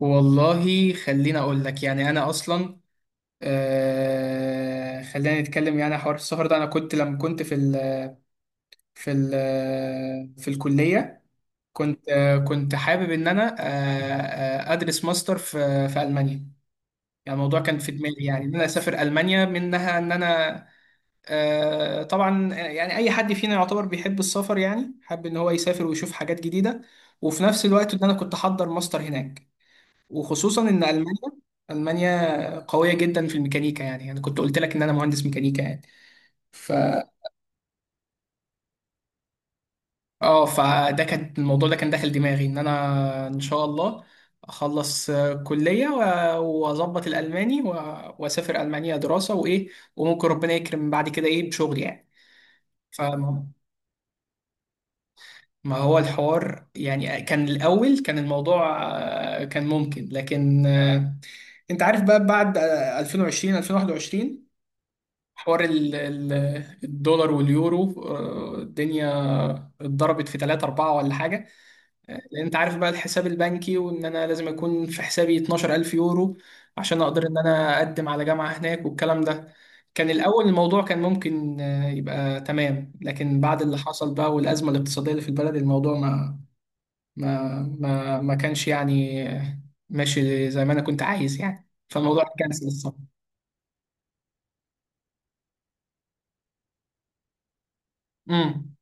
والله، خليني اقول لك. يعني انا اصلا، خلينا نتكلم. يعني حوار السفر ده، انا كنت لما كنت في ال في الكليه. كنت حابب ان انا ادرس ماستر في المانيا. يعني الموضوع كان في دماغي، يعني ان انا اسافر المانيا منها، ان انا طبعا. يعني اي حد فينا يعتبر بيحب السفر، يعني حابب ان هو يسافر ويشوف حاجات جديده، وفي نفس الوقت ان انا كنت احضر ماستر هناك. وخصوصا ان المانيا قويه جدا في الميكانيكا. يعني انا كنت قلت لك ان انا مهندس ميكانيكا يعني. ف اه فده كان الموضوع، ده كان داخل دماغي ان انا ان شاء الله اخلص كلية، واظبط الالماني واسافر المانيا دراسة وايه. وممكن ربنا يكرم بعد كده ايه بشغل يعني. فما ما هو الحوار، يعني كان الاول، كان الموضوع كان ممكن. لكن انت عارف بقى بعد 2020 2021، حوار الدولار واليورو، الدنيا اتضربت في 3 4 ولا حاجة. لان انت عارف بقى الحساب البنكي، وان انا لازم يكون في حسابي 12,000 يورو عشان اقدر ان انا اقدم على جامعة هناك والكلام ده. كان الاول الموضوع كان ممكن يبقى تمام، لكن بعد اللي حصل بقى والازمة الاقتصادية اللي في البلد، الموضوع ما كانش يعني ماشي زي ما انا كنت عايز يعني. فالموضوع اتكنسل الصراحة. امم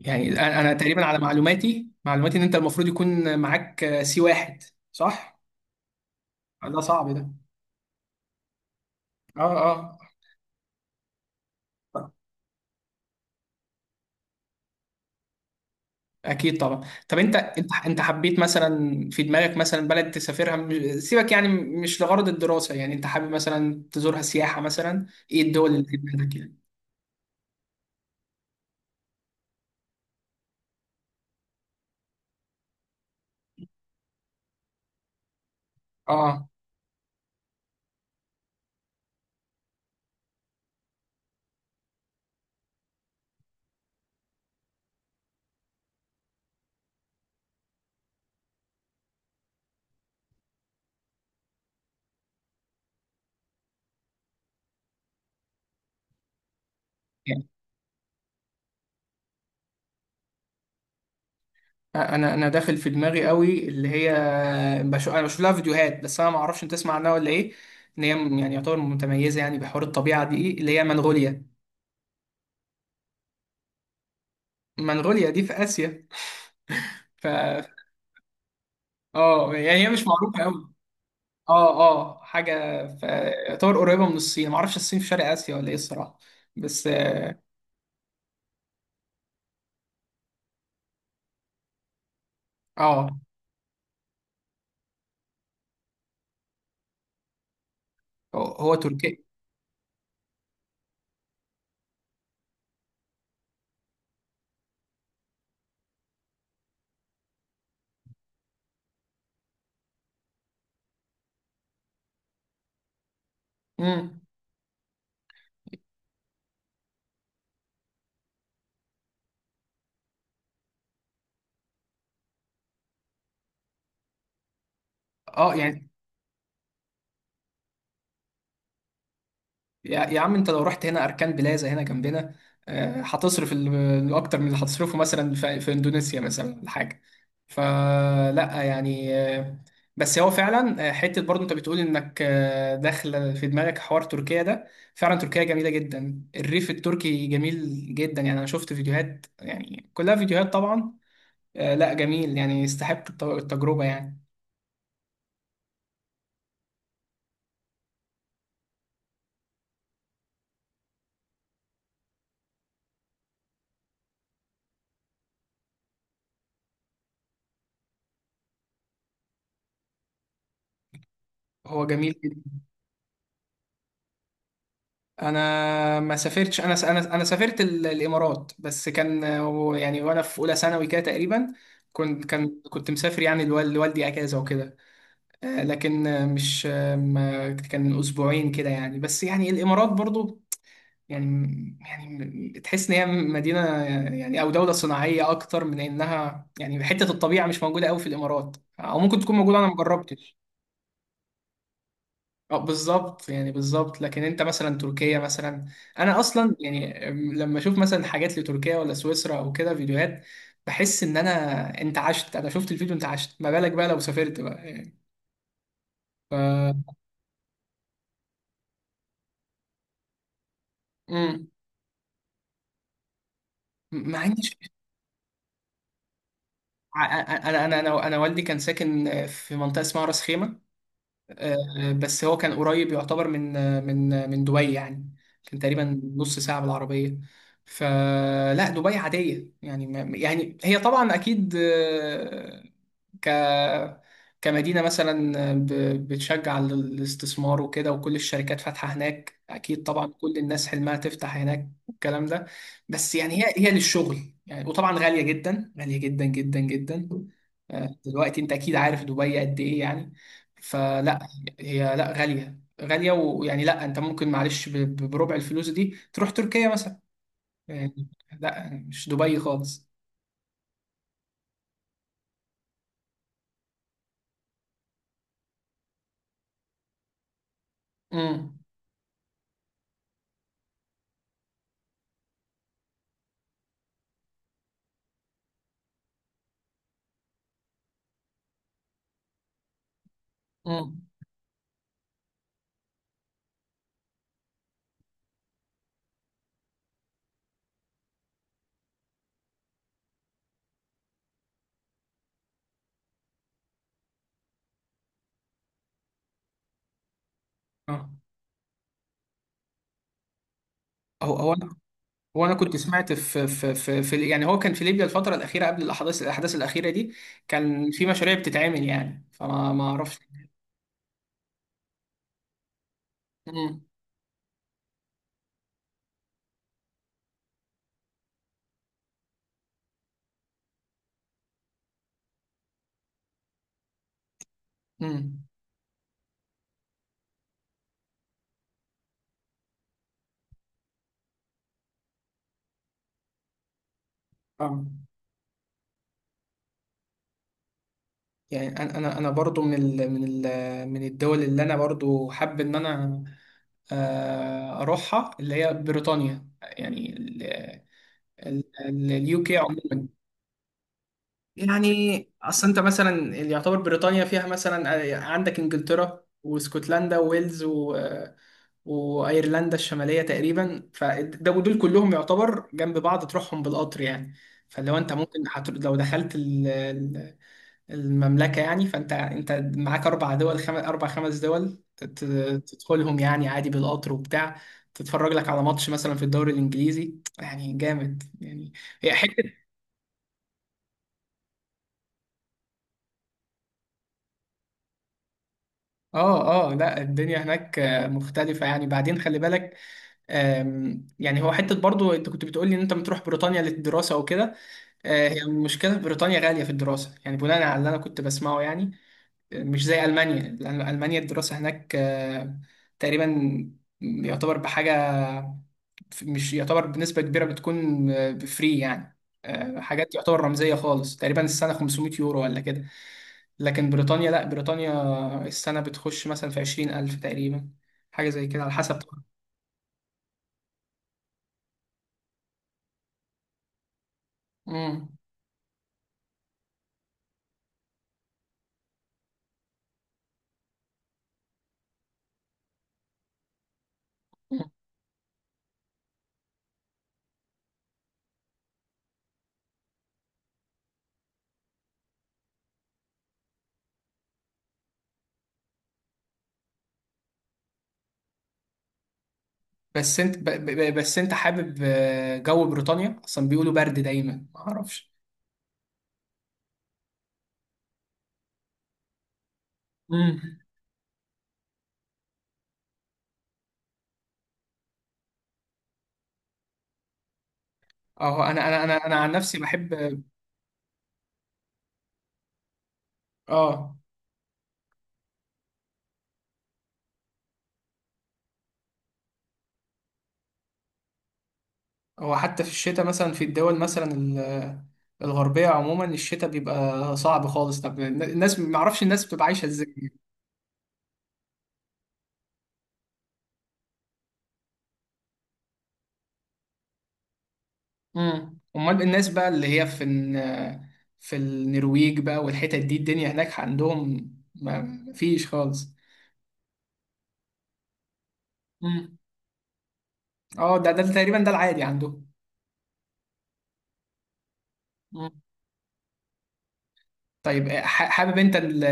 يعني أنا تقريبا على معلوماتي، ان انت المفروض يكون معاك C1، صح؟ ده صعب ده. اه، اه، اكيد طبعا. طب انت، حبيت مثلا في دماغك مثلا بلد تسافرها سيبك، يعني مش لغرض الدراسه، يعني انت حابب مثلا تزورها سياحه مثلا، ايه الدول اللي في دماغك يعني؟ اه، يعني انا داخل في دماغي قوي اللي هي، بشوف لها فيديوهات. بس انا ما اعرفش، انت تسمع عنها ولا ايه؟ ان هي يعني يعتبر متميزه، يعني بحوار الطبيعه دي اللي هي منغوليا. منغوليا دي في اسيا. ف اه يعني هي مش معروفه قوي. اه، اه، حاجة في يعتبر قريبة من الصين. معرفش الصين في شرق آسيا ولا ايه الصراحة. بس اه هو تركيا. امم اه يعني، يا عم، انت لو رحت هنا اركان بلازا هنا جنبنا، هتصرف اكتر من اللي هتصرفه مثلا في اندونيسيا مثلا ولا حاجه. فلا يعني، بس هو فعلا حته برضه انت بتقول انك داخله في دماغك حوار تركيا ده. فعلا تركيا جميله جدا، الريف التركي جميل جدا. يعني انا شفت فيديوهات، يعني كلها فيديوهات طبعا. لا جميل، يعني يستحق التجربه يعني. هو جميل. انا ما سافرتش، انا سافرت الامارات، بس كان يعني وانا في اولى ثانوي كده تقريبا. كنت مسافر يعني لوالدي اجازه وكده. لكن مش ما كان من اسبوعين كده يعني، بس يعني الامارات برضو يعني، يعني تحس ان هي مدينه يعني او دوله صناعيه اكتر من انها، يعني حته الطبيعه مش موجوده قوي في الامارات، او ممكن تكون موجوده انا ما جربتش. اه بالظبط يعني، بالظبط. لكن انت مثلا تركيا مثلا، انا اصلا يعني لما اشوف مثلا حاجات لتركيا ولا سويسرا او كده فيديوهات، بحس ان انا، انت عشت. انا شفت الفيديو انت عشت، ما بالك بقى لو سافرت بقى يعني. ف مم. ما عنديش. انا والدي كان ساكن في منطقه اسمها راس خيمه، بس هو كان قريب يعتبر من دبي يعني. كان تقريبا نص ساعة بالعربية. فلا دبي عادية يعني. ما يعني هي طبعا أكيد ك كمدينة مثلا بتشجع الاستثمار وكده، وكل الشركات فاتحة هناك، أكيد طبعا كل الناس حلمها تفتح هناك والكلام ده. بس يعني هي للشغل يعني. وطبعا غالية جدا، غالية جدا جدا جدا. دلوقتي أنت أكيد عارف دبي قد إيه يعني. فلا، هي لا غالية غالية. ويعني لا، انت ممكن معلش بربع الفلوس دي تروح تركيا مثلا يعني. لا مش دبي خالص. امم امم اه هو هو انا هو انا كنت سمعت في في في, في يعني هو كان في ليبيا الفترة الأخيرة قبل الأحداث الأخيرة دي، كان في مشاريع بتتعمل يعني. ما اعرفش. امم امم اه يعني انا انا أنا برضو من الدول اللي انا برضو حابب ان انا اروحها، اللي هي بريطانيا يعني، اليو كي عموما. يعني اصل انت مثلا اللي يعتبر بريطانيا فيها مثلا عندك انجلترا واسكتلندا وويلز، وايرلندا الشماليه تقريبا. فده ودول كلهم يعتبر جنب بعض تروحهم بالقطر يعني. فلو انت ممكن هت... لو دخلت المملكه يعني، فانت معاك اربع دول اربع خمس دول تدخلهم يعني عادي بالقطر وبتاع. تتفرج لك على ماتش مثلا في الدوري الانجليزي يعني، جامد يعني، هي حته. اه، اه، لا الدنيا هناك مختلفة يعني، بعدين خلي بالك. يعني هو حتة برضو انت كنت بتقولي ان انت بتروح بريطانيا للدراسة وكده. هي المشكلة في بريطانيا غالية في الدراسة، يعني بناء على اللي أنا كنت بسمعه يعني. مش زي ألمانيا. لأن ألمانيا الدراسة هناك تقريبا يعتبر بحاجة، مش يعتبر بنسبة كبيرة، بتكون فري يعني. حاجات يعتبر رمزية خالص، تقريبا السنة 500 يورو ولا كده. لكن بريطانيا، لا بريطانيا السنة بتخش مثلا في 20,000 تقريبا، حاجة زي كده على حسب طبعا. مم. مم. بس انت حابب جو بريطانيا اصلا بيقولوا برد دايما ما اعرفش. مم. اه انا عن نفسي بحب. اه هو حتى في الشتاء مثلا في الدول مثلا الغربية عموما، الشتاء بيبقى صعب خالص. طب الناس ما اعرفش، الناس بتبقى عايشة ازاي؟ امال الناس بقى اللي هي في في النرويج بقى والحتت دي، الدنيا هناك عندهم ما فيش خالص. امم اه ده تقريبا ده العادي عندهم. مم. طيب حابب انت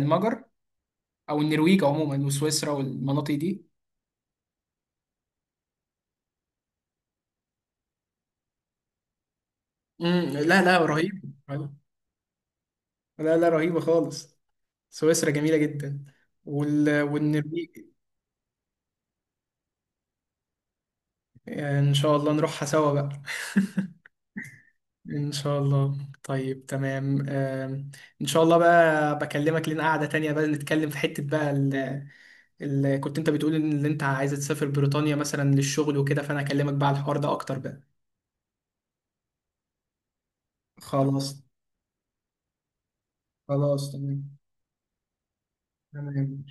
المجر او النرويج عموما وسويسرا والمناطق دي. لا، لا، رهيب. لا، لا، رهيبة خالص. سويسرا جميلة جدا، والنرويج. إن شاء الله نروحها سوا بقى. إن شاء الله. طيب تمام. إن شاء الله بقى بكلمك لنا قعدة تانية بقى، نتكلم في حتة بقى كنت أنت بتقول إن اللي أنت عايز تسافر بريطانيا مثلا للشغل وكده، فأنا أكلمك بقى على الحوار ده أكتر بقى. خلاص. خلاص، تمام. تمام.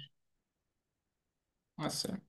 مع السلامة.